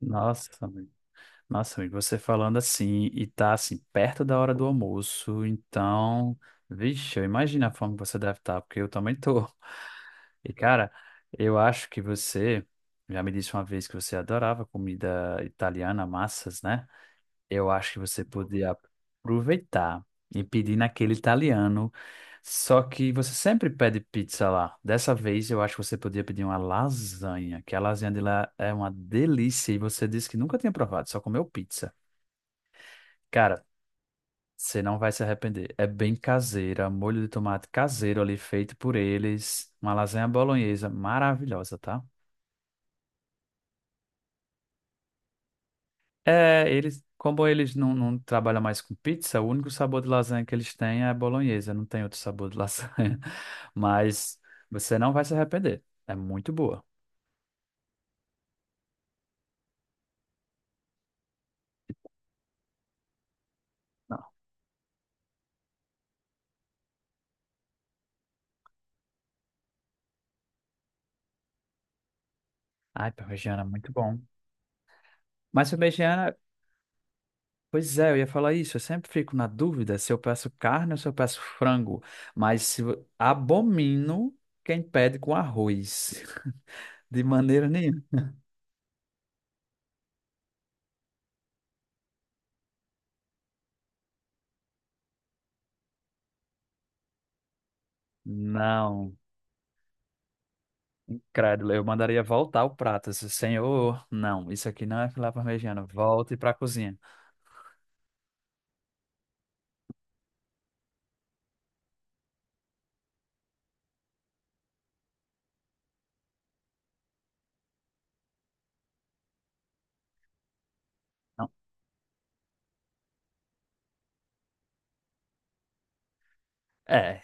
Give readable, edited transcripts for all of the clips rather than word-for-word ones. Nossa, amigo. Nossa, amigo, você falando assim e tá assim perto da hora do almoço, então, vixe, eu imagino a fome que você deve estar, porque eu também tô. E cara, eu acho que você já me disse uma vez que você adorava comida italiana, massas, né? Eu acho que você podia aproveitar e pedir naquele italiano. Só que você sempre pede pizza lá. Dessa vez eu acho que você podia pedir uma lasanha, que a lasanha de lá é uma delícia e você disse que nunca tinha provado, só comeu pizza. Cara, você não vai se arrepender. É bem caseira, molho de tomate caseiro ali feito por eles. Uma lasanha bolonhesa maravilhosa, tá? É, eles, como eles não trabalham mais com pizza, o único sabor de lasanha que eles têm é bolonhesa, não tem outro sabor de lasanha. Mas você não vai se arrepender. É muito boa. Não. Ai, parmegiana, é muito bom. Mas parmegiana, pois é, eu ia falar isso. Eu sempre fico na dúvida se eu peço carne ou se eu peço frango. Mas se, vo- abomino quem pede com arroz. De maneira nenhuma. Não. Credo, eu mandaria voltar o prato. Assim, Senhor, não, isso aqui não é filé parmegiana. Volte para a cozinha. Não. É,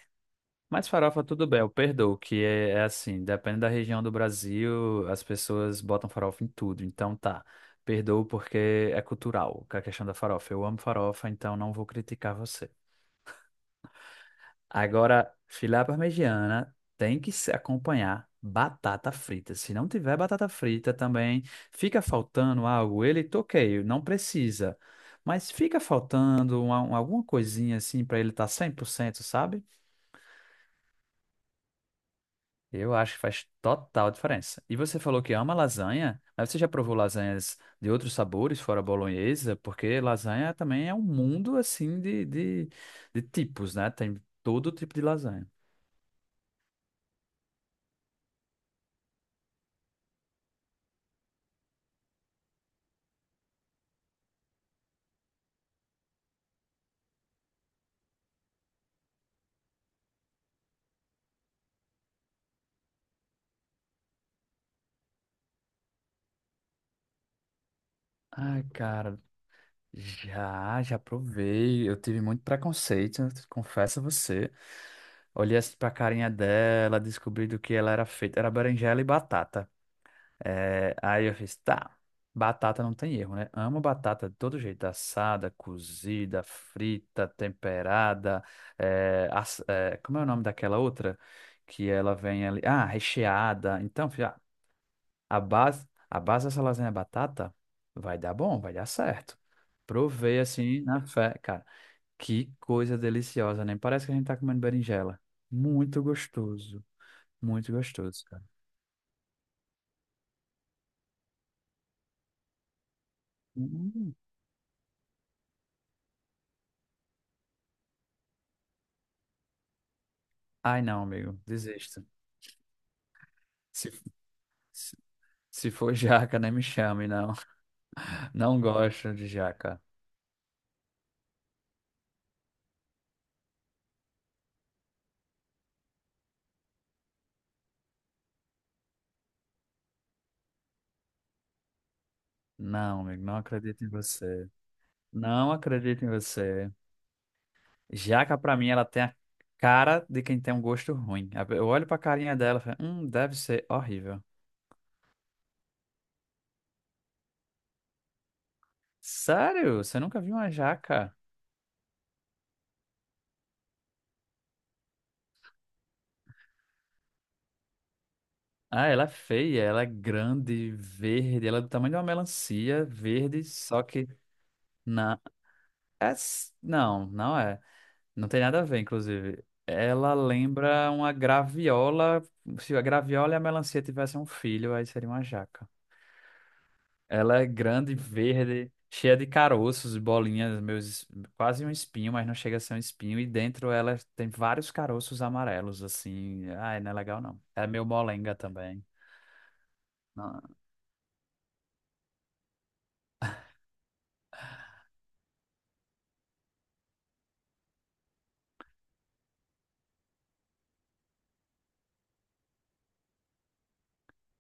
mas farofa tudo bem, eu perdoo, que é assim, depende da região do Brasil, as pessoas botam farofa em tudo. Então tá, perdoo porque é cultural, que é a questão da farofa. Eu amo farofa, então não vou criticar você. Agora, filé à parmegiana tem que se acompanhar batata frita. Se não tiver batata frita também, fica faltando algo. Ele toqueio, não precisa. Mas fica faltando alguma coisinha assim para ele estar tá 100%, sabe? Eu acho que faz total diferença. E você falou que ama lasanha, mas você já provou lasanhas de outros sabores, fora a bolonhesa? Porque lasanha também é um mundo assim de tipos, né? Tem todo tipo de lasanha. Ai, cara. Já provei. Eu tive muito preconceito, né? Confesso a você. Olhei assim pra carinha dela, descobri do que ela era feita. Era berinjela e batata. É, aí eu fiz, tá, batata não tem erro, né? Amo batata de todo jeito, assada, cozida, frita, temperada. Como é o nome daquela outra? Que ela vem ali. Ah, recheada. Então, a base dessa lasanha é batata, vai dar bom, vai dar certo. Provei assim na fé, cara. Que coisa deliciosa, nem parece que a gente tá comendo berinjela. Muito gostoso, muito gostoso, cara. Hum. Ai, não, amigo, desisto. Se, se, se for jaca, nem me chame, não. Não gosto de jaca. Não, amigo, não acredito em você. Não acredito em você. Jaca, pra mim, ela tem a cara de quem tem um gosto ruim. Eu olho pra carinha dela e falo, deve ser horrível. Sério? Você nunca viu uma jaca? Ah, ela é feia, ela é grande, verde, ela é do tamanho de uma melancia, verde, só que na... é s- Não, não é. Não tem nada a ver, inclusive. Ela lembra uma graviola. Se a graviola e a melancia tivessem um filho, aí seria uma jaca. Ela é grande, verde, cheia de caroços e bolinhas, quase um espinho, mas não chega a ser um espinho. E dentro ela tem vários caroços amarelos, assim. Ai, não é legal não. É meio molenga também. Não.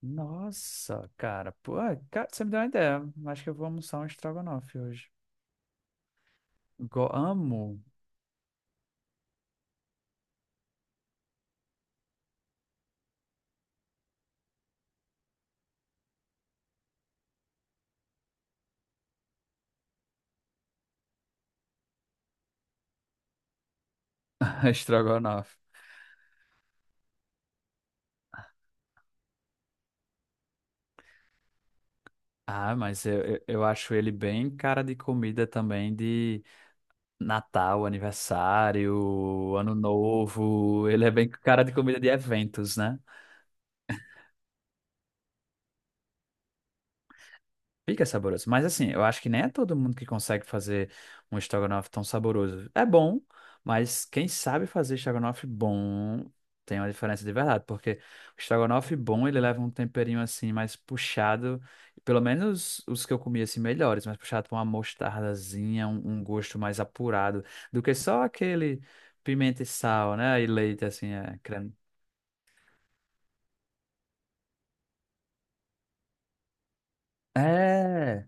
Nossa, cara, pô, é, cara, você me deu uma ideia. Acho que eu vou almoçar um estrogonofe hoje. Go amo estrogonofe. Ah, mas eu acho ele bem cara de comida também, Natal, aniversário, Ano Novo. Ele é bem cara de comida de eventos, né? Fica saboroso. Mas assim, eu acho que nem é todo mundo que consegue fazer um estrogonofe tão saboroso. É bom, mas quem sabe fazer estrogonofe bom tem uma diferença de verdade, porque o estrogonofe bom, ele leva um temperinho assim mais puxado, pelo menos os que eu comi assim melhores, mais puxado com uma mostardazinha, um gosto mais apurado do que só aquele pimenta e sal, né? E leite, assim, É,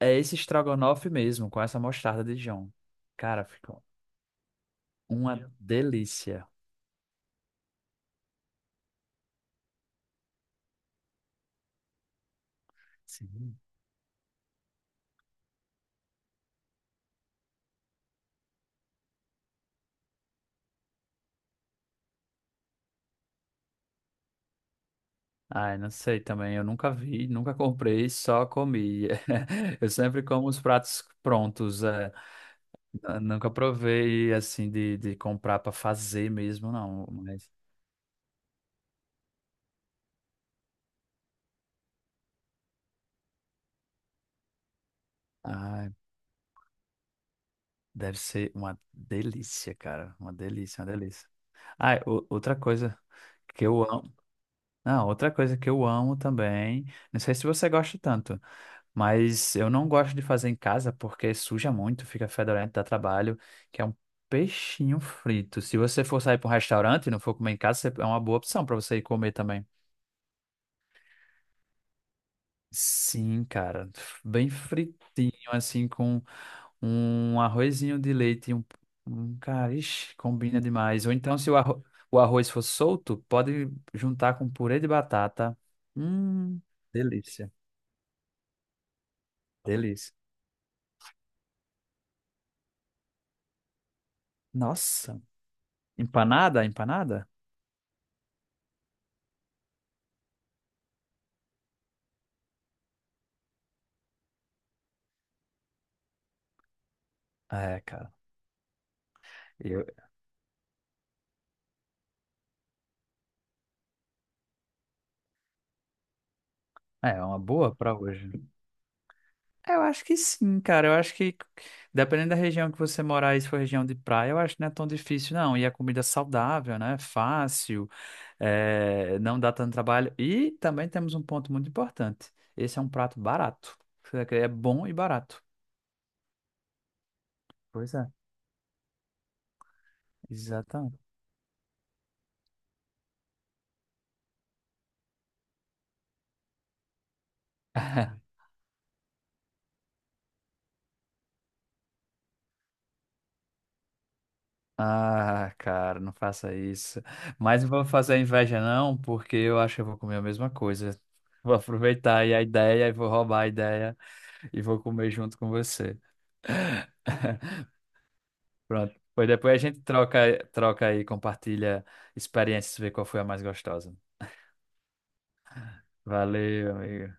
é esse estrogonofe mesmo, com essa mostarda de Dijon. Cara, ficou uma delícia. Sim. Ai, não sei também, eu nunca vi, nunca comprei, só comi. Eu sempre como os pratos prontos, é. Eu nunca provei, assim, de comprar para fazer mesmo, não. Mas, ai, deve ser uma delícia, cara, uma delícia, uma delícia. Ai, outra coisa que eu amo, não, outra coisa que eu amo também, não sei se você gosta tanto. Mas eu não gosto de fazer em casa porque suja muito, fica fedorento, dá trabalho, que é um peixinho frito. Se você for sair para um restaurante e não for comer em casa, é uma boa opção para você ir comer também. Sim, cara, bem fritinho, assim, com um arrozinho de leite, e um cara, ixi, combina demais. Ou então, se o arroz for solto, pode juntar com purê de batata. Hum, delícia, delícia. Nossa, empanada, empanada? É, cara. Eu- É uma boa pra hoje. Eu acho que sim, cara. Eu acho que, dependendo da região que você morar, e se for região de praia, eu acho que não é tão difícil, não. E a comida é saudável, né? Fácil, é, não dá tanto trabalho. E também temos um ponto muito importante. Esse é um prato barato. É bom e barato. Pois é, exatamente. Ah, cara, não faça isso. Mas não vou fazer inveja, não, porque eu acho que eu vou comer a mesma coisa. Vou aproveitar aí a ideia e vou roubar a ideia. E vou comer junto com você. Pronto. Pois depois a gente troca, troca aí, compartilha experiências, vê qual foi a mais gostosa. Valeu, amigo.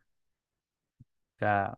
Tchau.